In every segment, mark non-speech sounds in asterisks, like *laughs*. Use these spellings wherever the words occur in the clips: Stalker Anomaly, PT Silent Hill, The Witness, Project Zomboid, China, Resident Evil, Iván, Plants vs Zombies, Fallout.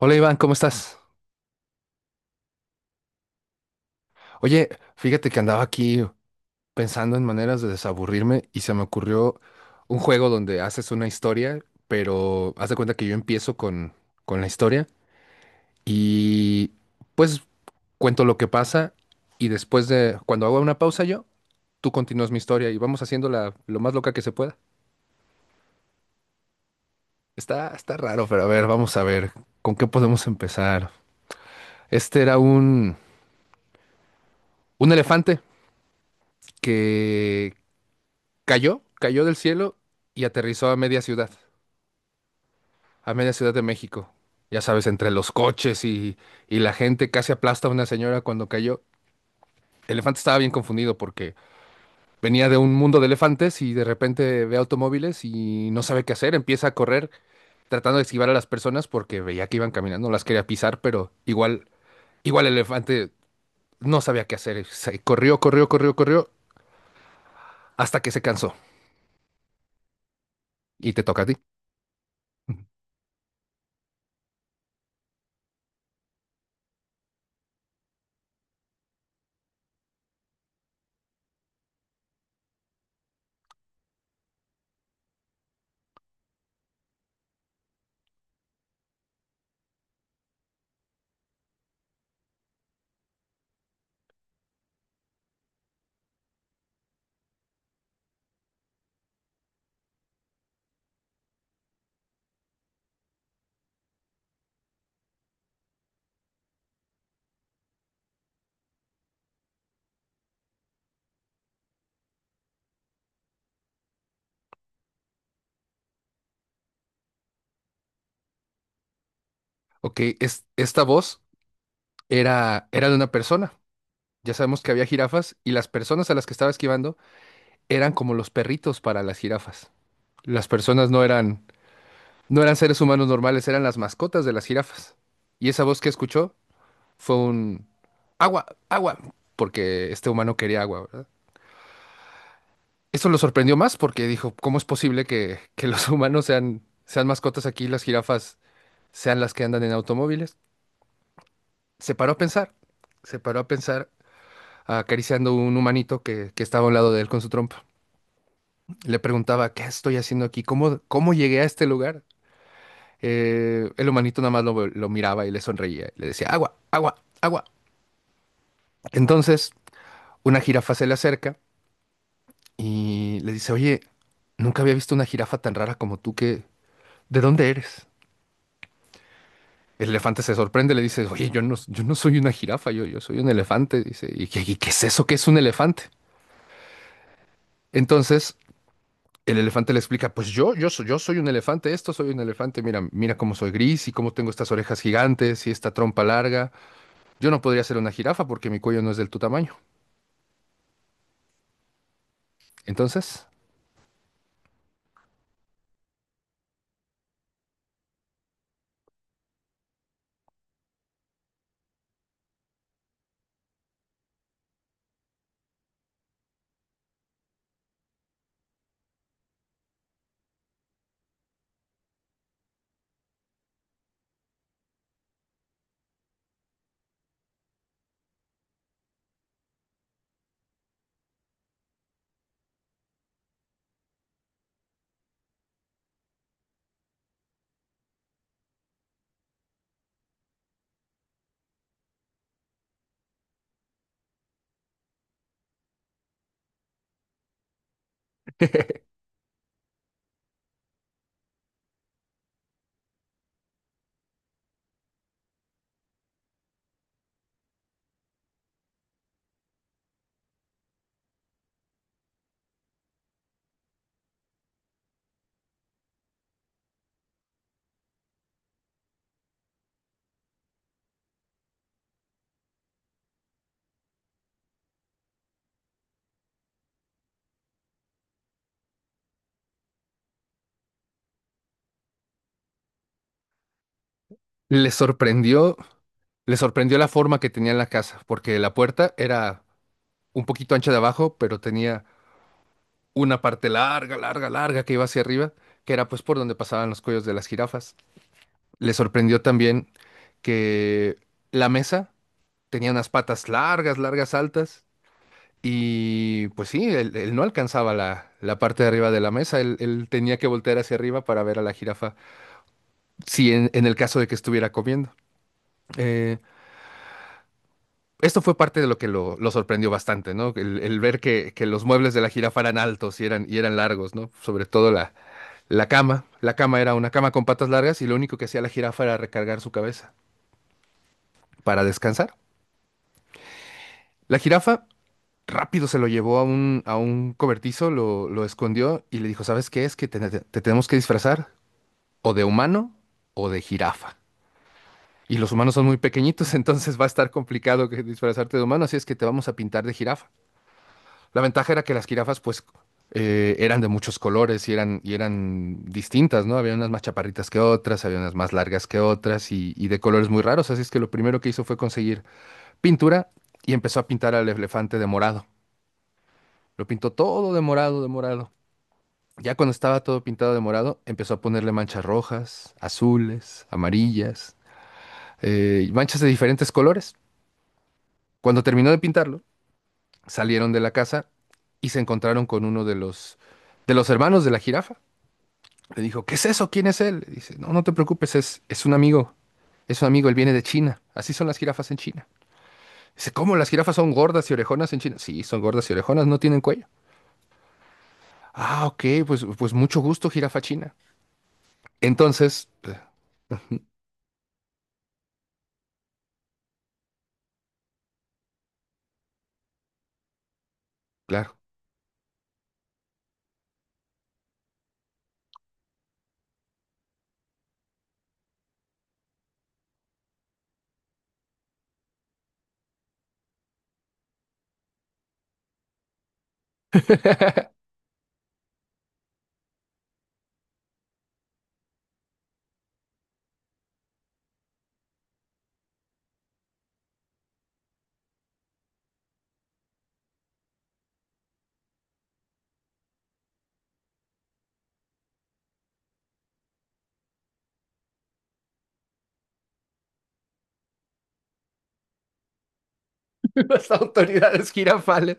Hola Iván, ¿cómo estás? Oye, fíjate que andaba aquí pensando en maneras de desaburrirme y se me ocurrió un juego donde haces una historia, pero haz de cuenta que yo empiezo con la historia y pues cuento lo que pasa y después de cuando hago una pausa yo, tú continúas mi historia y vamos haciéndola lo más loca que se pueda. Está raro, pero a ver, vamos a ver, ¿con qué podemos empezar? Este era un elefante que. Cayó del cielo y aterrizó a media ciudad de México. Ya sabes, entre los coches y la gente casi aplasta a una señora cuando cayó. El elefante estaba bien confundido porque venía de un mundo de elefantes y de repente ve automóviles y no sabe qué hacer. Empieza a correr tratando de esquivar a las personas porque veía que iban caminando, las quería pisar, pero igual el elefante no sabía qué hacer. Se corrió hasta que se cansó. Y te toca a ti. *laughs* Ok, esta voz era de una persona. Ya sabemos que había jirafas y las personas a las que estaba esquivando eran como los perritos para las jirafas. Las personas no eran seres humanos normales, eran las mascotas de las jirafas. Y esa voz que escuchó fue un agua, agua, porque este humano quería agua, ¿verdad? Eso lo sorprendió más porque dijo, ¿cómo es posible que los *laughs* humanos sean mascotas aquí y las jirafas sean las que andan en automóviles? Se paró a pensar, se paró a pensar acariciando un humanito que estaba a un lado de él con su trompa. Le preguntaba, ¿qué estoy haciendo aquí? ¿Cómo llegué a este lugar? El humanito nada más lo miraba y le sonreía y le decía, agua, agua, agua. Entonces, una jirafa se le acerca y le dice, oye, nunca había visto una jirafa tan rara como tú, ¿Qué ¿de dónde eres? El elefante se sorprende, le dice, oye, yo no soy una jirafa, yo soy un elefante. Dice, ¿y qué es eso? ¿Qué es un elefante? Entonces, el elefante le explica, pues yo soy un elefante, esto soy un elefante, mira cómo soy gris y cómo tengo estas orejas gigantes y esta trompa larga. Yo no podría ser una jirafa porque mi cuello no es del tu tamaño. Entonces, *laughs* le sorprendió, le sorprendió la forma que tenía en la casa, porque la puerta era un poquito ancha de abajo, pero tenía una parte larga que iba hacia arriba, que era pues por donde pasaban los cuellos de las jirafas. Le sorprendió también que la mesa tenía unas patas largas, altas. Y pues sí, él no alcanzaba la parte de arriba de la mesa, él tenía que voltear hacia arriba para ver a la jirafa, si en el caso de que estuviera comiendo. Eh, Esto fue parte de lo que lo sorprendió bastante, ¿no? El ver que los muebles de la jirafa eran altos y eran largos, ¿no? Sobre todo la cama. La cama era una cama con patas largas y lo único que hacía la jirafa era recargar su cabeza para descansar. La jirafa rápido se lo llevó a a un cobertizo, lo escondió y le dijo, ¿sabes qué? Es que te tenemos que disfrazar, o de humano o de jirafa. Y los humanos son muy pequeñitos, *laughs* entonces va a estar complicado que disfrazarte de humano, así es que te vamos a pintar de jirafa. La ventaja era que las jirafas, pues, eran de muchos colores y eran distintas, ¿no? Había unas más chaparritas que otras, había unas más largas que otras y de colores muy raros, así es que lo primero que hizo fue conseguir pintura y empezó a pintar al elefante de morado. Lo pintó todo de morado, de morado. Ya cuando estaba todo pintado de morado, empezó a ponerle manchas rojas, azules, amarillas, manchas de diferentes colores. Cuando terminó de pintarlo, salieron de la casa y se encontraron con uno de de los hermanos de la jirafa. Le dijo, ¿qué es eso? ¿Quién es él? Le dice, no, no te preocupes, es un amigo, él viene de China. Así son las jirafas en China. Dice, ¿cómo las jirafas son gordas y orejonas en China? Sí, son gordas y orejonas, no tienen cuello. Ah, ok, pues mucho gusto, jirafa china. Entonces, pues, claro, *laughs* las autoridades jirafales.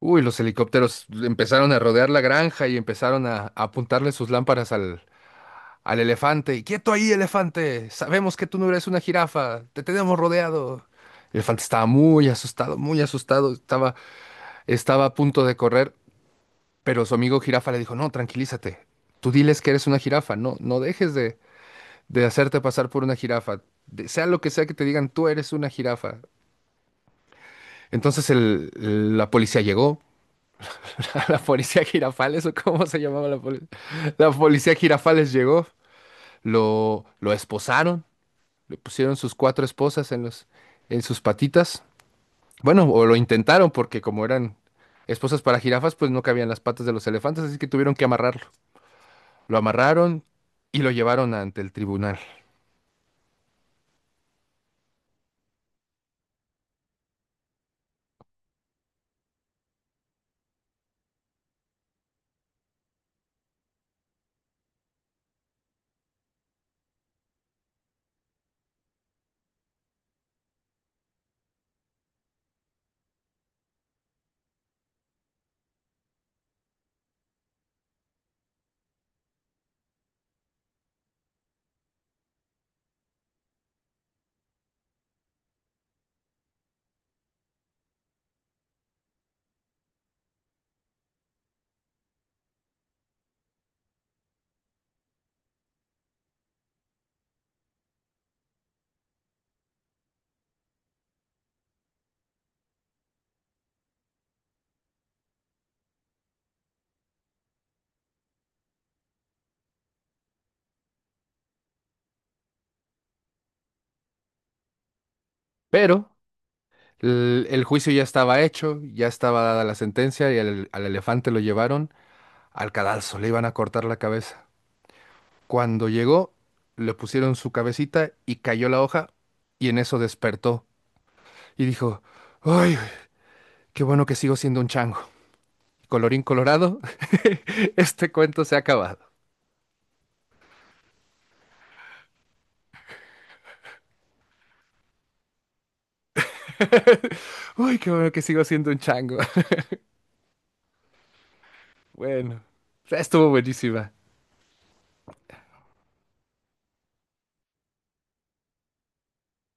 Uy, los helicópteros empezaron a rodear la granja y empezaron a apuntarle sus lámparas al elefante. Y, ¡Quieto ahí, elefante! Sabemos que tú no eres una jirafa. Te tenemos rodeado. El elefante estaba muy asustado, muy asustado. Estaba a punto de correr, pero su amigo jirafa le dijo, no, tranquilízate. Tú diles que eres una jirafa. No, no dejes de hacerte pasar por una jirafa. De- sea lo que sea que te digan, tú eres una jirafa. Entonces el- la policía llegó. *laughs* La policía Girafales, o cómo se llamaba la policía. La policía Girafales llegó, lo esposaron, le pusieron sus cuatro esposas en en sus patitas. Bueno, o lo intentaron porque como eran esposas para jirafas, pues no cabían las patas de los elefantes, así que tuvieron que amarrarlo. Lo amarraron y lo llevaron ante el tribunal. Pero el juicio ya estaba hecho, ya estaba dada la sentencia y al elefante lo llevaron al cadalso, le iban a cortar la cabeza. Cuando llegó, le pusieron su cabecita y cayó la hoja y en eso despertó y dijo, ¡ay, qué bueno que sigo siendo un chango! Colorín colorado, *laughs* este cuento se ha acabado. *laughs* ¡Uy, qué bueno que sigo siendo un chango! *laughs* Bueno, estuvo buenísima.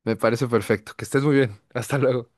Me parece perfecto. Que estés muy bien. Hasta luego.